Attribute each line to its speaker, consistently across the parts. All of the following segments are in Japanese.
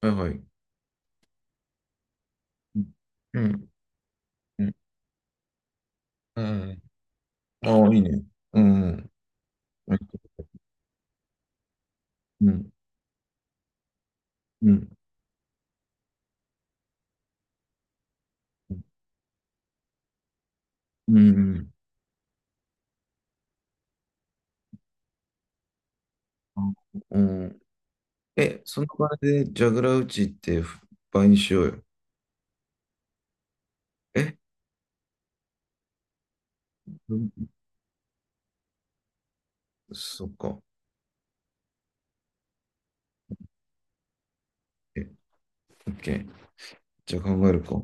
Speaker 1: はいはい。うん。うん。うん。ああ、いいね。うん。うん。うん。うん。うん。うん。え、その場でジャグラー打ちって倍にしようよ。え、そっか。え、オッケー。じゃあ考えるか。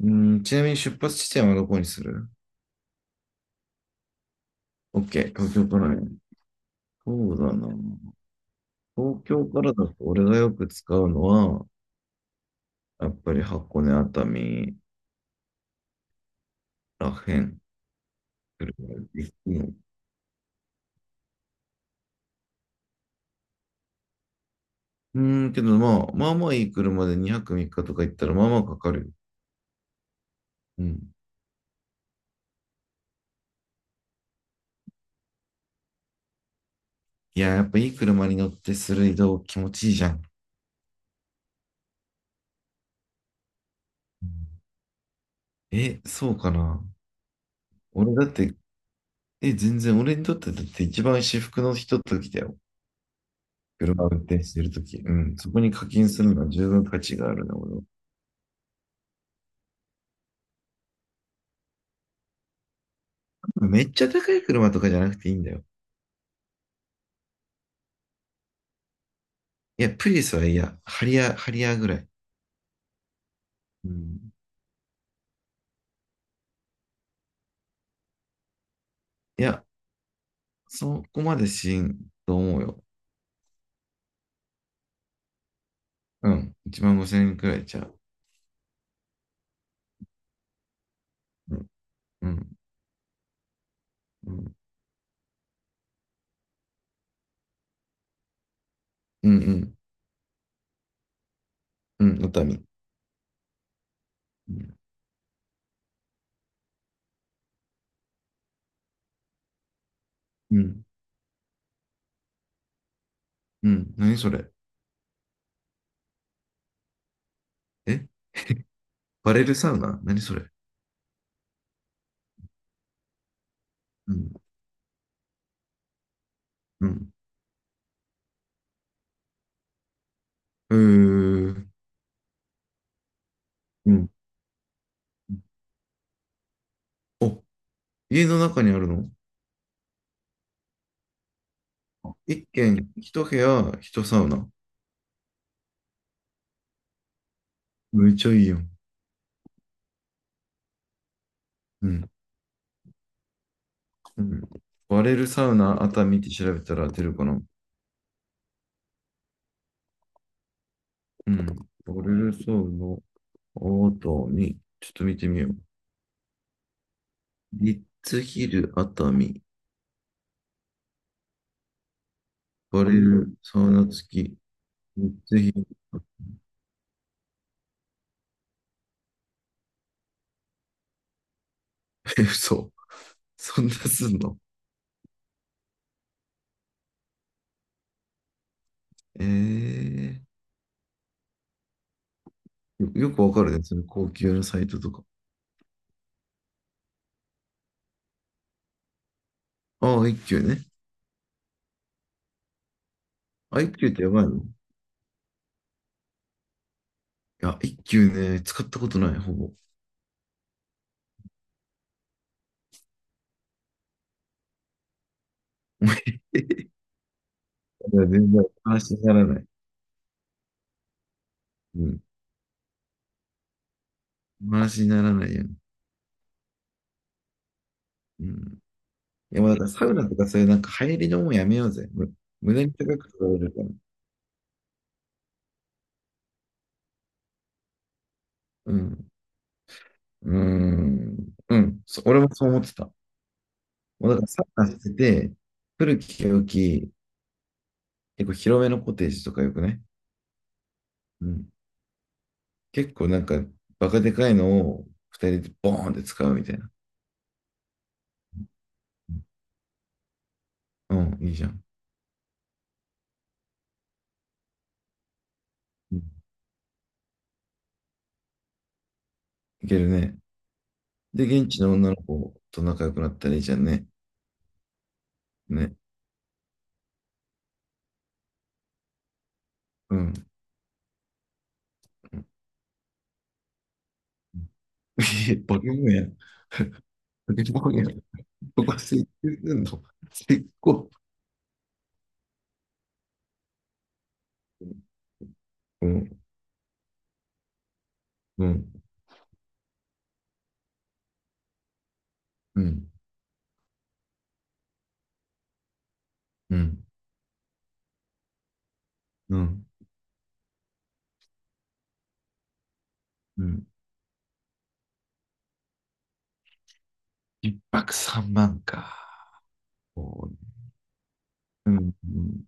Speaker 1: うん、ちなみに出発地点はどこにする？オッケー。東京からね。そうだな。東京からだと俺がよく使うのは、やっぱり箱根熱海らへん。来るから行くの？うーん、けどまあ、まあまあいい車で2泊3日とか行ったらまあまあかかるよ。うん。いや、やっぱいい車に乗ってする移動気持ちいいじゃん。うん。え、そうかな。俺だって、え、全然俺にとってだって一番至福のひとときだよ。車を運転してるとき。うん。そこに課金するのは十分価値があるな、俺は。めっちゃ高い車とかじゃなくていいんだよ。いや、プリウスは嫌。ハリアー、ハリアーぐらい。うん。いや、そこまでしんと思うよ。うん。1万5千円くらいちゃう。うん。うん。うん。うん。うん、うん熱海。うん、うん、うん何それ？え、バレルサウナ何それ？うん、うん。うー、うん。お、家の中にあるの？一軒、一部屋、一サウナ。めっちゃいいよ。うん、うん。バレルサウナ熱海って調べたら出るかな？うん。バレルサウナ熱海。ちょっと見てみよう。リッツヒル熱海。バレルサウナ付き。リッツヒル。え、嘘。そんなすんの？ええ、よ、よくわかるね。その高級のサイトとか。ああ、一休ね。あ、一休ってやばいの？いや、一休ね、使ったことない、ほぼ。いや、全然話にならない。うん。話にならないよね。うん。いや、まあだからサウナとかそういうなんか入りのもんやめようぜ。無駄に高く取られるから。うん。うーん。うん。俺もそう思ってた。もうだからサウナしてて、古き良き、結構広めのコテージとかよくね。うん。結構なんか、バカでかいのを二人でボーンって使うみたいな。うん、いいじゃん。うん、いけるね。で、現地の女の子と仲良くなったらいいじゃんね。ね。うん。いやバケモンや。バケモンや。ここは設計すんの。結構、うん、うん、うん、うん、うん。うん。一泊三万か。そうね。うん、うん。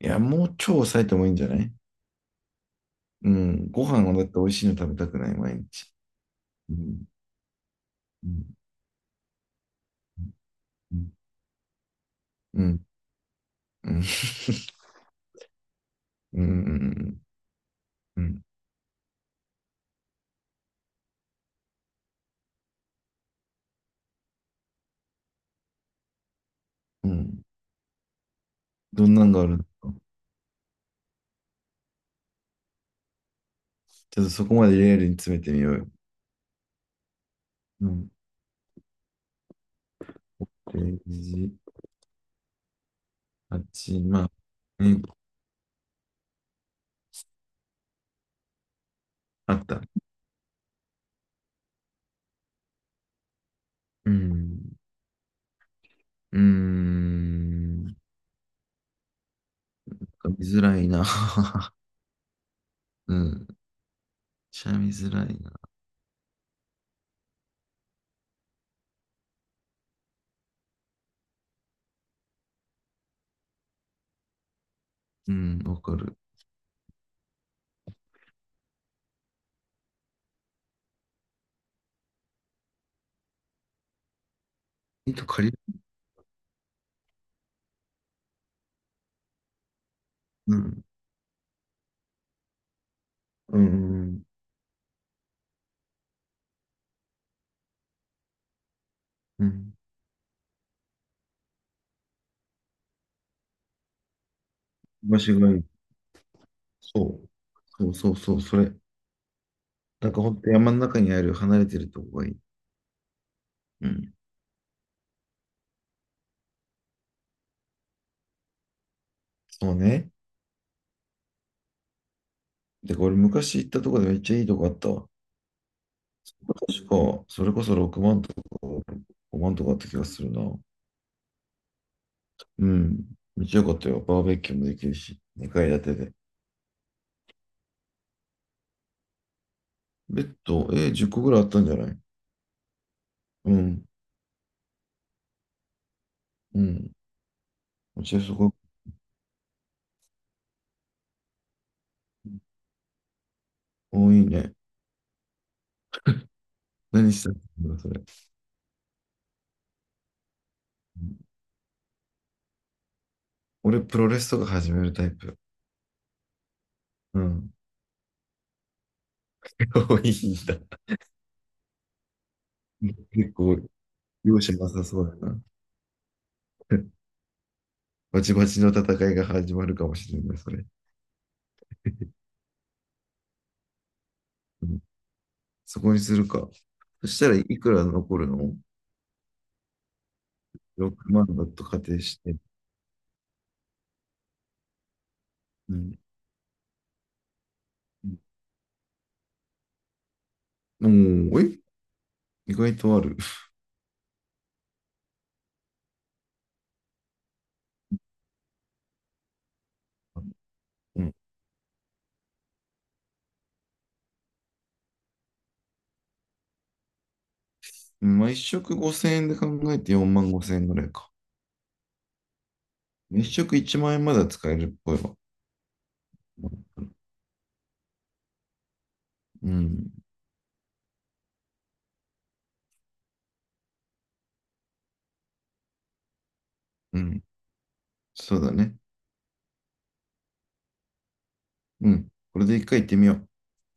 Speaker 1: いや、もう超抑えてもいいんじゃない？うん。ご飯をだって美味しいの食べたくない、毎日。うん、うん。うん。うん。うん。うん。うん。うん。どんなんがあるのか。ちょっとそこまでリアルに詰めてみようよ。うん。ページ8、まあ、うん。あった。うん。うーん。なんか見づらいな。うん。しゃみづらいな。うん。わかる。糸と、借りる、うん。うん。うん。うん。場所がいい。そう。そうそうそう。それ。なんかほんと山の中にある離れてるとこがいい。うん。そうね。で、これ昔行ったとこでめっちゃいいとこあったわ。確か、それこそ6万とか5万とかあった気がするな。うん。めっちゃ良かったよ。バーベキューもできるし、2階建てで。ベッド、え、10個ぐらいあったんじゃない？うん。うん。めっちゃそこ、多いね。何したのそれ。うん。俺、プロレスとか始めるタイプ。うん。多いんだ。結構、容赦なさそうだな。バチバチの戦いが始まるかもしれない、それ。うん。そこにするか。そしたらいくら残るの？ 6万だと仮定して。うん。おー、え、意外とある。うん。まあ、一食5000円で考えて4万5000円ぐらいか。一食1万円まだ使えるっぽいわ。うん。うん。そうだね。うん。これで一回行ってみよう。